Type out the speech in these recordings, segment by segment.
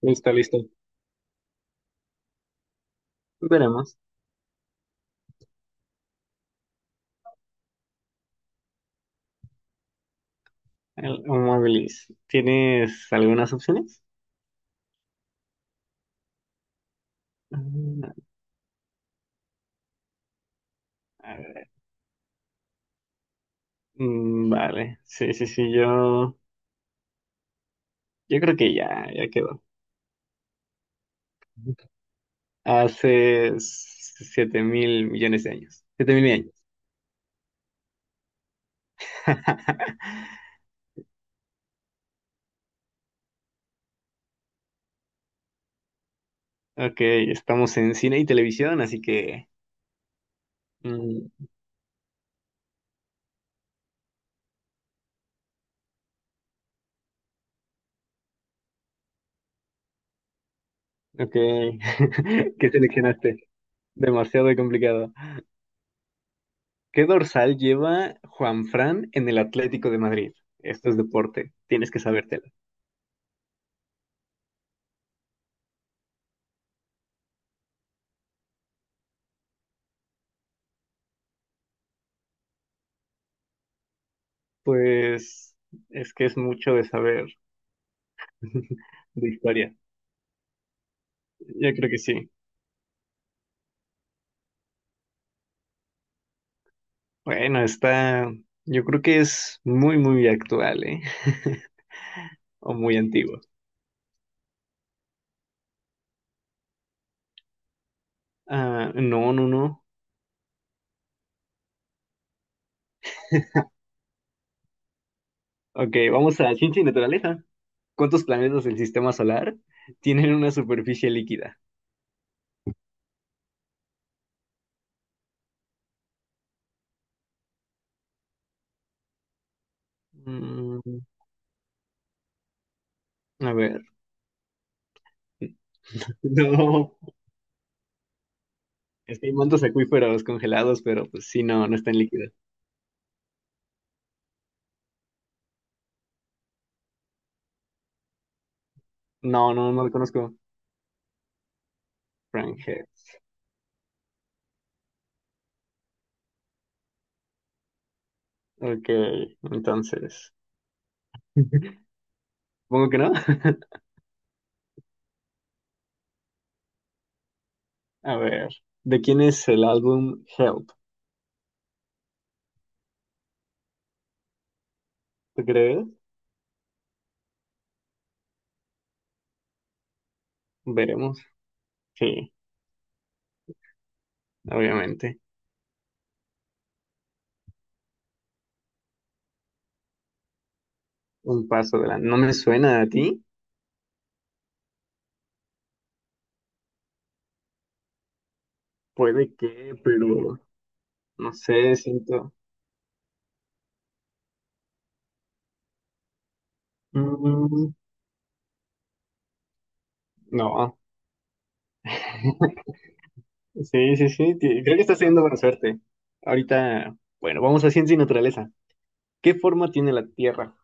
Listo, listo. Veremos. El Mobilis. ¿Tienes algunas opciones? Mm, a ver. Mm, vale. Sí, sí, sí. Yo creo que ya quedó. Hace 7.000 millones de años. 7.000 años. Ok, estamos en cine y televisión, así que. mm, ok. ¿Qué seleccionaste? Demasiado complicado. ¿Qué dorsal lleva Juanfran en el Atlético de Madrid? Esto es deporte, tienes que sabértelo. Pues es que es mucho de saber de historia. Yo creo que sí. Bueno, está, yo creo que es muy, muy actual, ¿eh? O muy antiguo. Ah, no, no, no. Ok, vamos a ciencia y naturaleza. ¿Cuántos planetas del sistema solar tienen una superficie líquida? Mm, a ver. No, es que hay mantos acuíferos congelados, pero pues sí, no, no están líquidos. No, no, no lo conozco. Frangel. Ok, entonces. Supongo que no. A ver, ¿de quién es el álbum Help? ¿Tú crees? Veremos. Sí, obviamente. Un paso de la... No me suena a ti. Puede que, pero no sé, siento... Mm, no. Sí, sí, sí. Creo que estás teniendo buena suerte. Ahorita, bueno, vamos a ciencia y naturaleza. ¿Qué forma tiene la Tierra?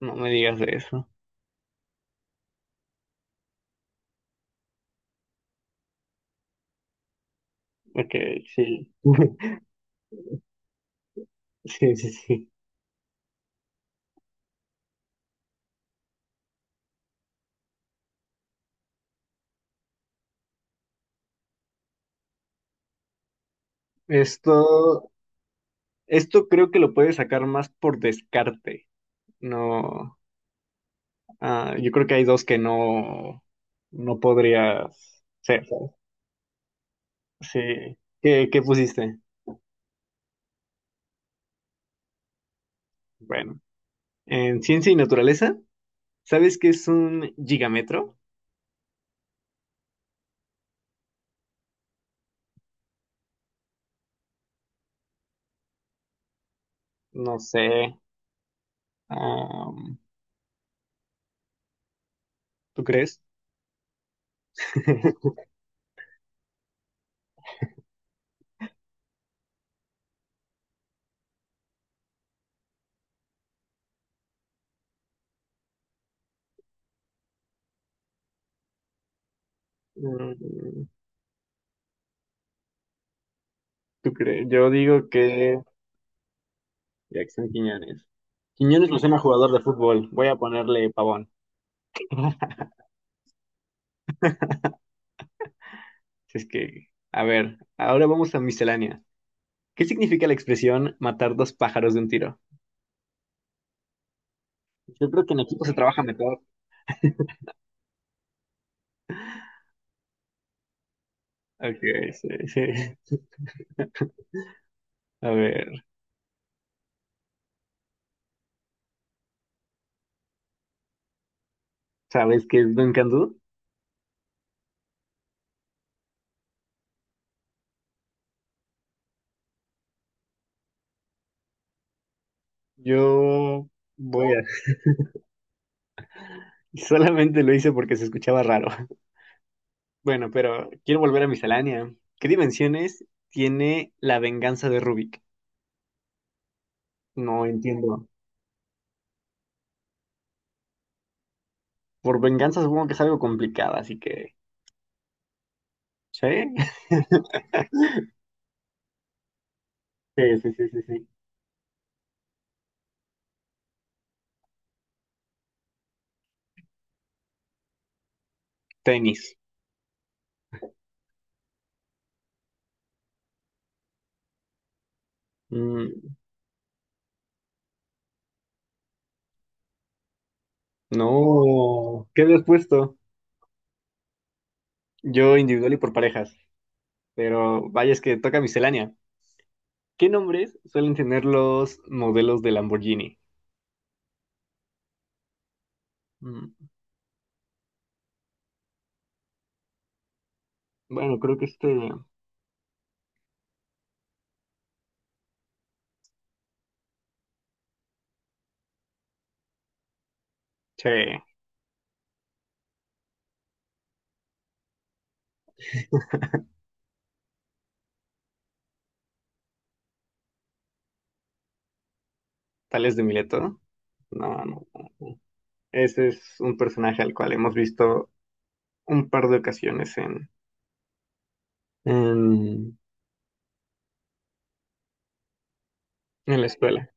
No me digas de eso. Ok, sí. Sí, sí, sí. Esto, esto creo que lo puedes sacar más por descarte. No, ah, yo creo que hay dos que no, no podrías ser, ¿sabes? Sí. ¿Qué, qué pusiste? Bueno, en ciencia y naturaleza, ¿sabes qué es un gigametro? No sé. am, ¿Tú crees? Mm, ¿Tú crees? Yo digo que Jackson Quiñones. Quiñones lo llama jugador de fútbol. Voy a ponerle pavón. Si es que, a ver, ahora vamos a miscelánea. ¿Qué significa la expresión matar dos pájaros de un tiro? Yo creo que en equipo se trabaja mejor. Ok, sí, sí. A ver, ¿sabes qué es Dunkandú? Yo voy a... Solamente lo hice porque se escuchaba raro. Bueno, pero quiero volver a miscelánea. ¿Qué dimensiones tiene la venganza de Rubik? No entiendo. Por venganza supongo que es algo complicada, así que... ¿Sí? Sí, sí, sí, sí, sí. Tenis. Mm, no. ¿Qué habías puesto? Yo individual y por parejas. Pero vaya, es que toca miscelánea. ¿Qué nombres suelen tener los modelos de Lamborghini? Mm, Bueno, creo que este... Che, Tales de Mileto. No, no. Ese es un personaje al cual hemos visto un par de ocasiones en, en la escuela.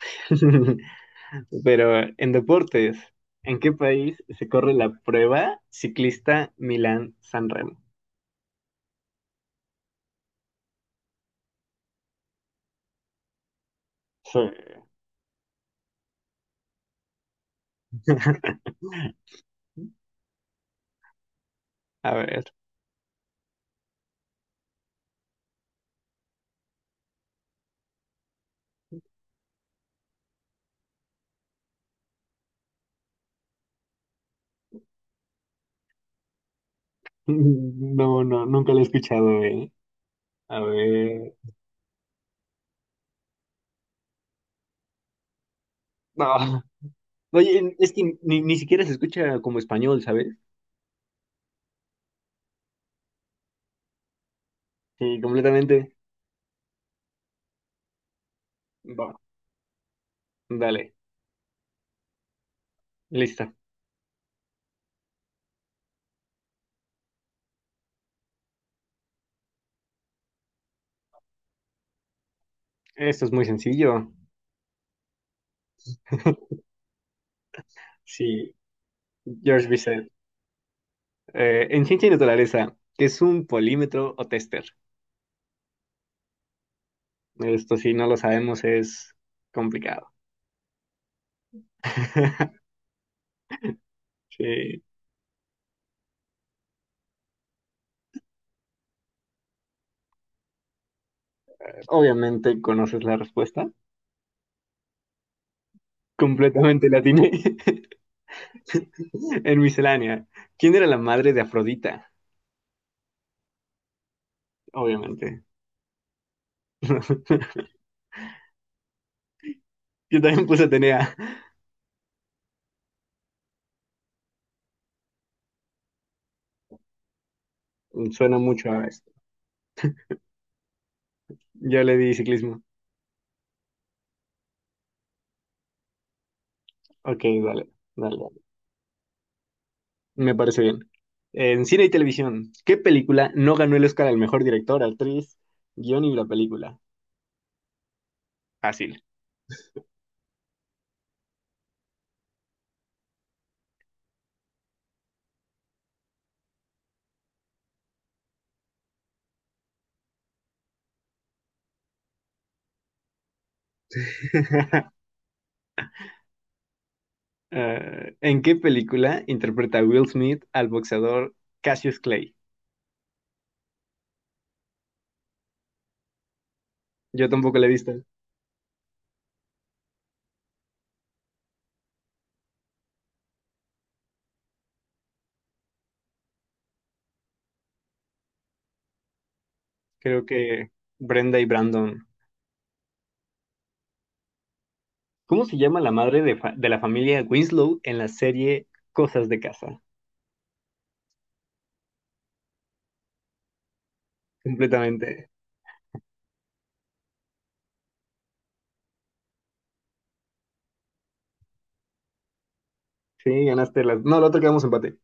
Pero en deportes, ¿en qué país se corre la prueba ciclista Milán-San Remo? Sí. A ver. No, no, nunca lo he escuchado, eh. A ver. No. Oye, es que ni siquiera se escucha como español, ¿sabes? Sí, completamente. Va, dale, listo. Esto es muy sencillo. Sí, George Bizet. En ciencia y naturaleza, ¿qué es un polímetro o tester? Esto si no lo sabemos es complicado. Sí, obviamente conoces la respuesta. Completamente la tiene en miscelánea. ¿Quién era la madre de Afrodita? Obviamente. Yo también puse Atenea. Suena mucho a... Yo le di ciclismo. Ok, dale, dale, dale. Me parece bien. En cine y televisión, ¿qué película no ganó el Oscar al mejor director, actriz, guión y la película? Fácil. ¿En qué película interpreta Will Smith al boxeador Cassius Clay? Yo tampoco la he visto. Creo que Brenda y Brandon. ¿Cómo se llama la madre de, fa- de la familia Winslow en la serie Cosas de Casa? Completamente. Sí, ganaste las... No, la otra quedamos empate.